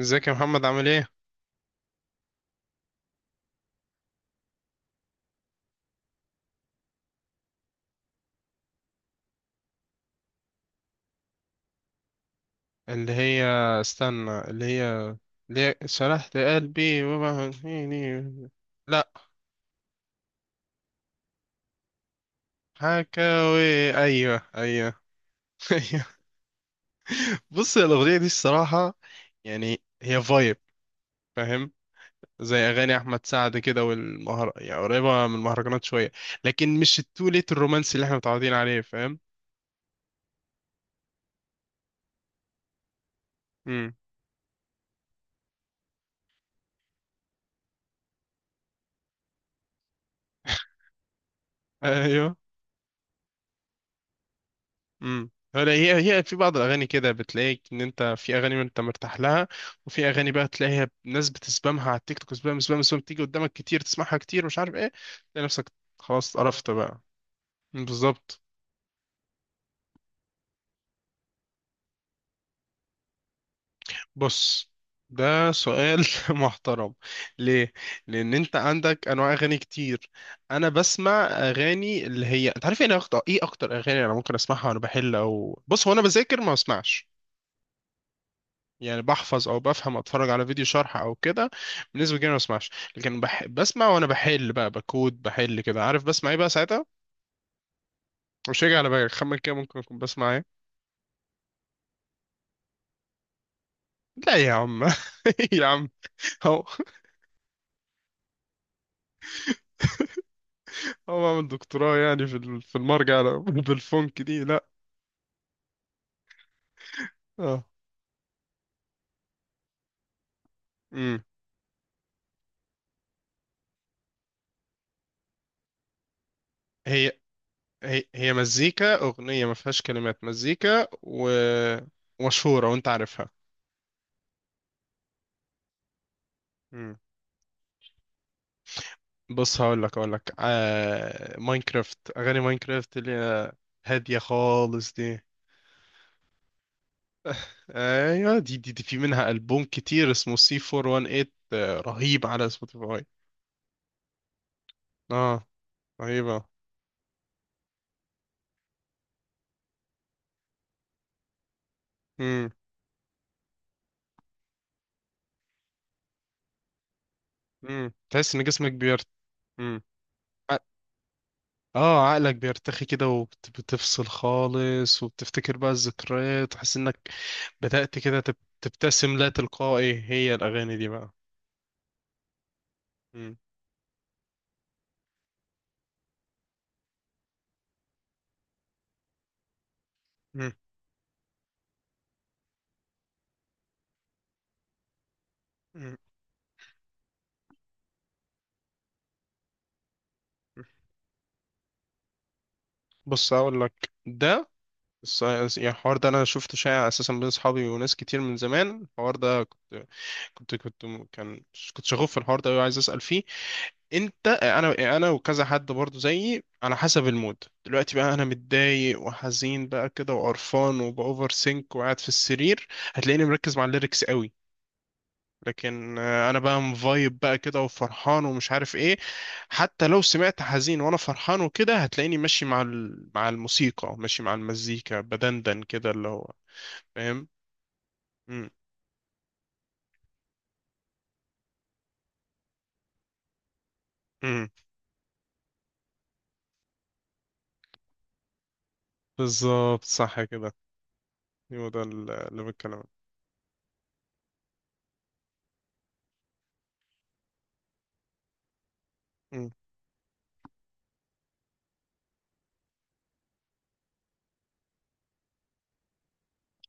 ازيك يا محمد؟ عامل ايه؟ اللي هي استنى اللي هي اللي هي شرحت قلبي وبهنيني؟ لا. حكاوي، ايوه ايوه. ايوه. بص، يا الاغنيه دي الصراحه، يعني هي فايب، فاهم؟ زي اغاني احمد سعد كده، والمهر يعني قريبه من المهرجانات شويه. لكن مش التوليت الرومانسي اللي احنا متعودين عليه، فاهم؟ امم. ايوه. امم. هلا، هي في بعض الاغاني كده بتلاقيك ان انت في اغاني ما انت مرتاح لها. وفي اغاني بقى تلاقيها ناس بتسبامها على التيك توك، سبام سبام سبام، تيجي قدامك كتير، تسمعها كتير، مش عارف ايه. تلاقي نفسك خلاص قرفت بقى. بالظبط. بص، ده سؤال محترم. ليه؟ لان انت عندك انواع اغاني كتير. انا بسمع اغاني اللي هي انت عارف ايه اكتر، ايه اكتر اغاني انا ممكن اسمعها وانا بحل. او بص، هو انا بذاكر ما بسمعش. يعني بحفظ او بفهم، اتفرج على فيديو شرح او كده. بالنسبه لي ما بسمعش. لكن بسمع وانا بحل بقى، بكود، بحل كده، عارف بسمع ايه بقى ساعتها؟ مش هيجي على بالك، خمن كده ممكن اكون بسمع ايه. لا يا عم. يا عم. هو هو عامل دكتوراه يعني في في المرجع؟ لا، بالفونك دي لا. اه. امم. هي هي مزيكا اغنيه ما فيهاش كلمات، مزيكا ومشهوره وانت عارفها. بص، هقول لك ماينكرافت، اغاني ماينكرافت اللي هي هاديه خالص دي. ايوه. دي في منها البوم كتير اسمه سي 418، رهيب على سبوتيفاي. اه رهيبه. امم. امم، تحس ان جسمك بيرت. امم. ع- اه عقلك بيرتخي كده، وبتفصل خالص، وبتفتكر بقى الذكريات، وحاسس انك بدأت كده تبتسم لا تلقائي، هي الاغاني دي بقى. مم. مم. مم. بص اقول لك ده، بس يعني الحوار ده انا شفته شائع اساسا بين اصحابي وناس كتير من زمان. الحوار ده كنت كنت كنت م- كان كنت شغوف في الحوار ده وعايز اسال فيه. انت انا وكذا حد برضو زيي، على حسب المود. دلوقتي بقى انا متضايق وحزين بقى كده وقرفان وباوفر سينك وقاعد في السرير، هتلاقيني مركز مع الليركس قوي. لكن انا بقى مفايب بقى كده وفرحان ومش عارف ايه، حتى لو سمعت حزين وانا فرحان وكده هتلاقيني ماشي مع مع الموسيقى، ماشي مع المزيكا، بدندن كده اللي هو، فاهم؟ مم. مم. بالظبط صح كده، هو ده اللي بتكلم عنه. مم.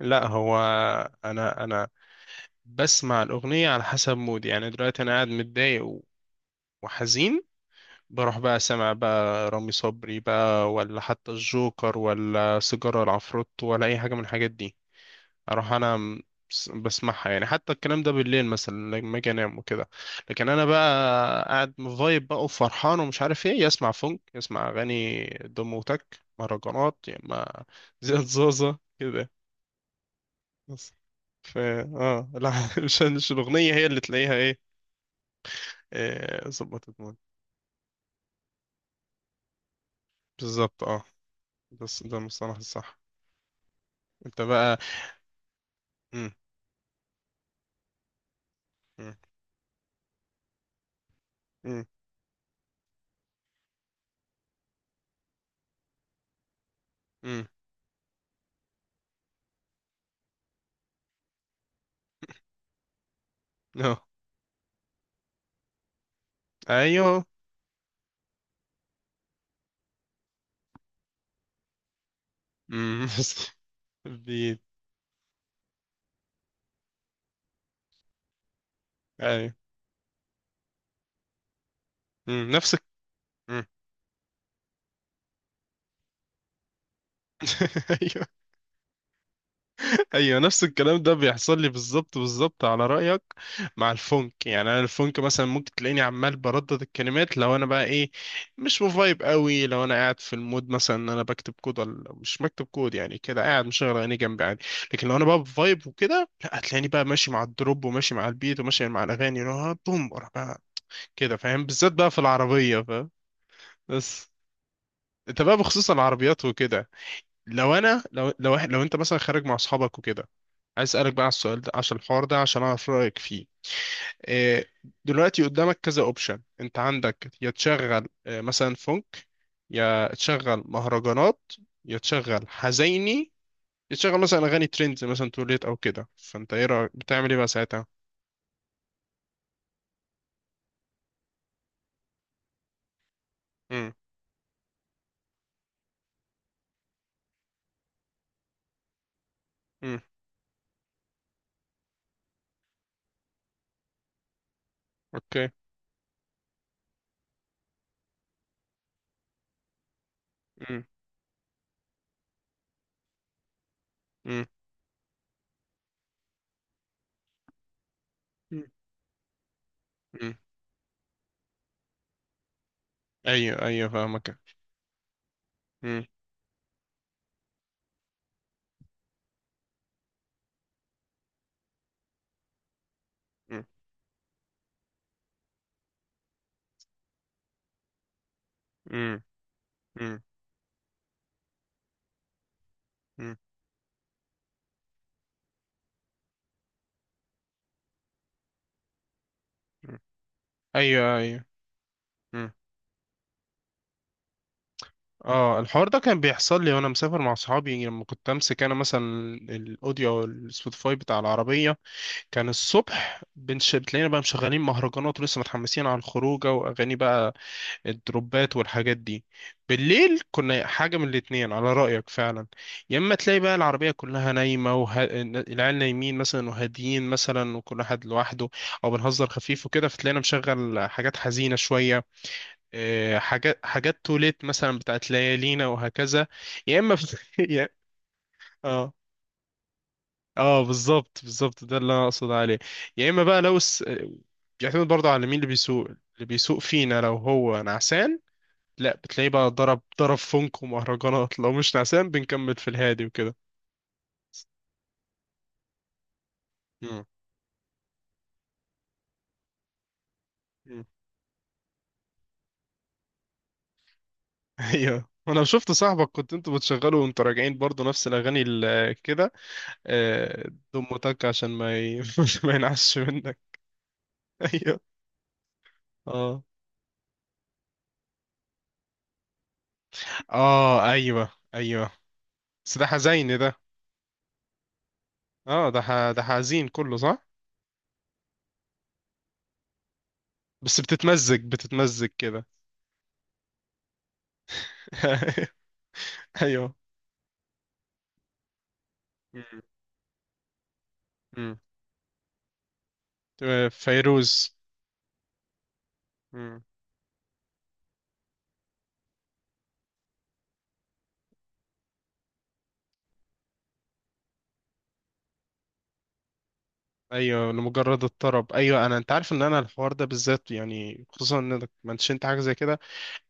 لا، هو انا بسمع الاغنيه على حسب مودي. يعني دلوقتي انا قاعد متضايق و- وحزين، بروح بقى سمع بقى رامي صبري بقى، ولا حتى الجوكر، ولا سيجاره العفروت، ولا اي حاجه من الحاجات دي. اروح انا م- بسمعها يعني، حتى الكلام ده بالليل مثلا لما اجي انام وكده. لكن انا بقى قاعد مفايب بقى وفرحان ومش عارف ايه، يسمع فونك، يسمع اغاني دم وتك، مهرجانات، يا اما زياد زوزة كده. بس، ف اه لا، مش الاغنيه هي اللي تلاقيها ايه. إيه، ظبطت مود. بالظبط اه. بس ده المصطلح الصح. انت بقى. مم. مم. مم. مم. آه. ايوه. مم. بس. بي- ايوه. مم، نفس. ايوه ايوه، نفس الكلام ده بيحصل لي بالظبط بالظبط على رايك. مع الفونك، يعني انا الفونك مثلا ممكن تلاقيني عمال بردد الكلمات لو انا بقى ايه، مش مفايب قوي. لو انا قاعد في المود مثلا ان انا بكتب كود ولا مش بكتب كود، يعني كده قاعد مشغل عيني جنبي عادي. لكن لو انا بقى بفايب وكده، لا، هتلاقيني بقى ماشي مع الدروب وماشي مع البيت وماشي مع الاغاني اللي هو بوم ورا بقى كده، فاهم؟ بالذات بقى في العربيه، فاهم؟ بس. انت بقى، بخصوص العربيات وكده، لو انا لو لو, إح- لو انت مثلا خارج مع اصحابك وكده، عايز اسالك بقى على السؤال ده، عشان الحوار ده، عشان اعرف رايك فيه. إيه، دلوقتي قدامك كذا اوبشن، انت عندك يا تشغل مثلا فونك، يا تشغل مهرجانات، يا تشغل حزيني، يا تشغل مثلا اغاني ترندز مثلا توليت او كده. فانت ايه رايك، بتعمل ايه بقى ساعتها؟ امم. امم. اوكي. امم. امم. امم. ايوه ايوه فاهمك. امم. امم. امم. امم. ايوه ايوه. اه الحوار ده كان بيحصل لي وانا مسافر مع صحابي، لما كنت امسك انا مثلا الاوديو او السبوتيفاي بتاع العربيه، كان الصبح بتلاقينا بقى مشغلين مهرجانات ولسه متحمسين على الخروجه، واغاني بقى الدروبات والحاجات دي. بالليل كنا حاجه من الاتنين على رايك فعلا، يا اما تلاقي بقى العربيه كلها نايمه العيال نايمين مثلا وهاديين مثلا وكل واحد لوحده، او بنهزر خفيف وكده فتلاقينا مشغل حاجات حزينه شويه، حاجات حاجات توليت مثلا بتاعت ليالينا وهكذا. يا اما اه اه بالظبط بالظبط، ده اللي انا اقصد عليه. يا اما بقى بيعتمد برضه على مين اللي بيسوق. اللي بيسوق فينا لو هو نعسان، لا، بتلاقيه بقى ضرب ضرب فنك ومهرجانات. لو مش نعسان بنكمل في الهادي وكده. مم. مم. ايوه انا شفت صاحبك كنت انتوا بتشغلوا وانتوا راجعين برضه نفس الاغاني كده، دم وتك عشان ما ي... ما ينعش منك. ايوه. اه. اه. ايوه ايوه. بس ده حزين ده. اه ده حزين كله صح. بس بتتمزج بتتمزج كده. ايوه. مم. مم. تمام، فيروز. مم. ايوه، لمجرد الطرب. ايوه انا انت عارف ان انا الحوار ده بالذات، يعني خصوصا انك منشنت حاجه زي كده.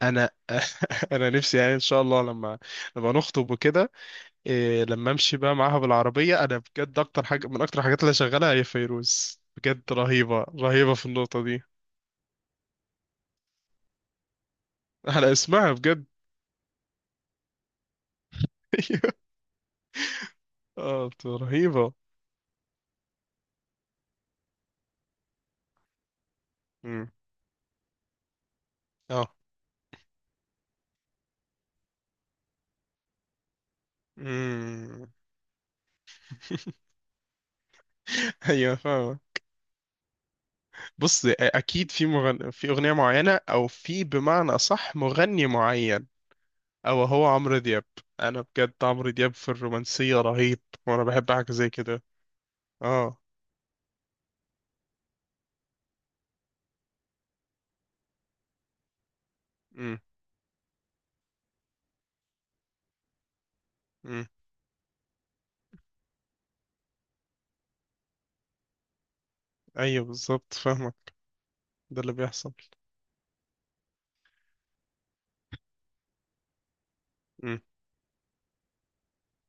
انا انا نفسي يعني، ان شاء الله لما نخطب وكده، إيه، لما امشي بقى معاها بالعربيه، انا بجد اكتر حاجه من اكتر الحاجات اللي شغالها هي فيروز، بجد رهيبه رهيبه في النقطه دي. على اسمها بجد. ايوه. اه بتبقى رهيبة. مم. اه. مم. ايوه فاهمة. بص اكيد في في اغنية معينة او في بمعنى صح مغني معين، او هو عمرو دياب. انا بجد عمرو دياب في الرومانسية رهيب، وانا بحب حاجة زي كده. اه. مم. مم. ايوه بالظبط فاهمك، ده اللي بيحصل. مم.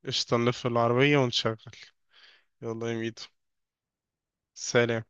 قشطة، نلف العربية ونشغل. يلا يا ميدو. سلام.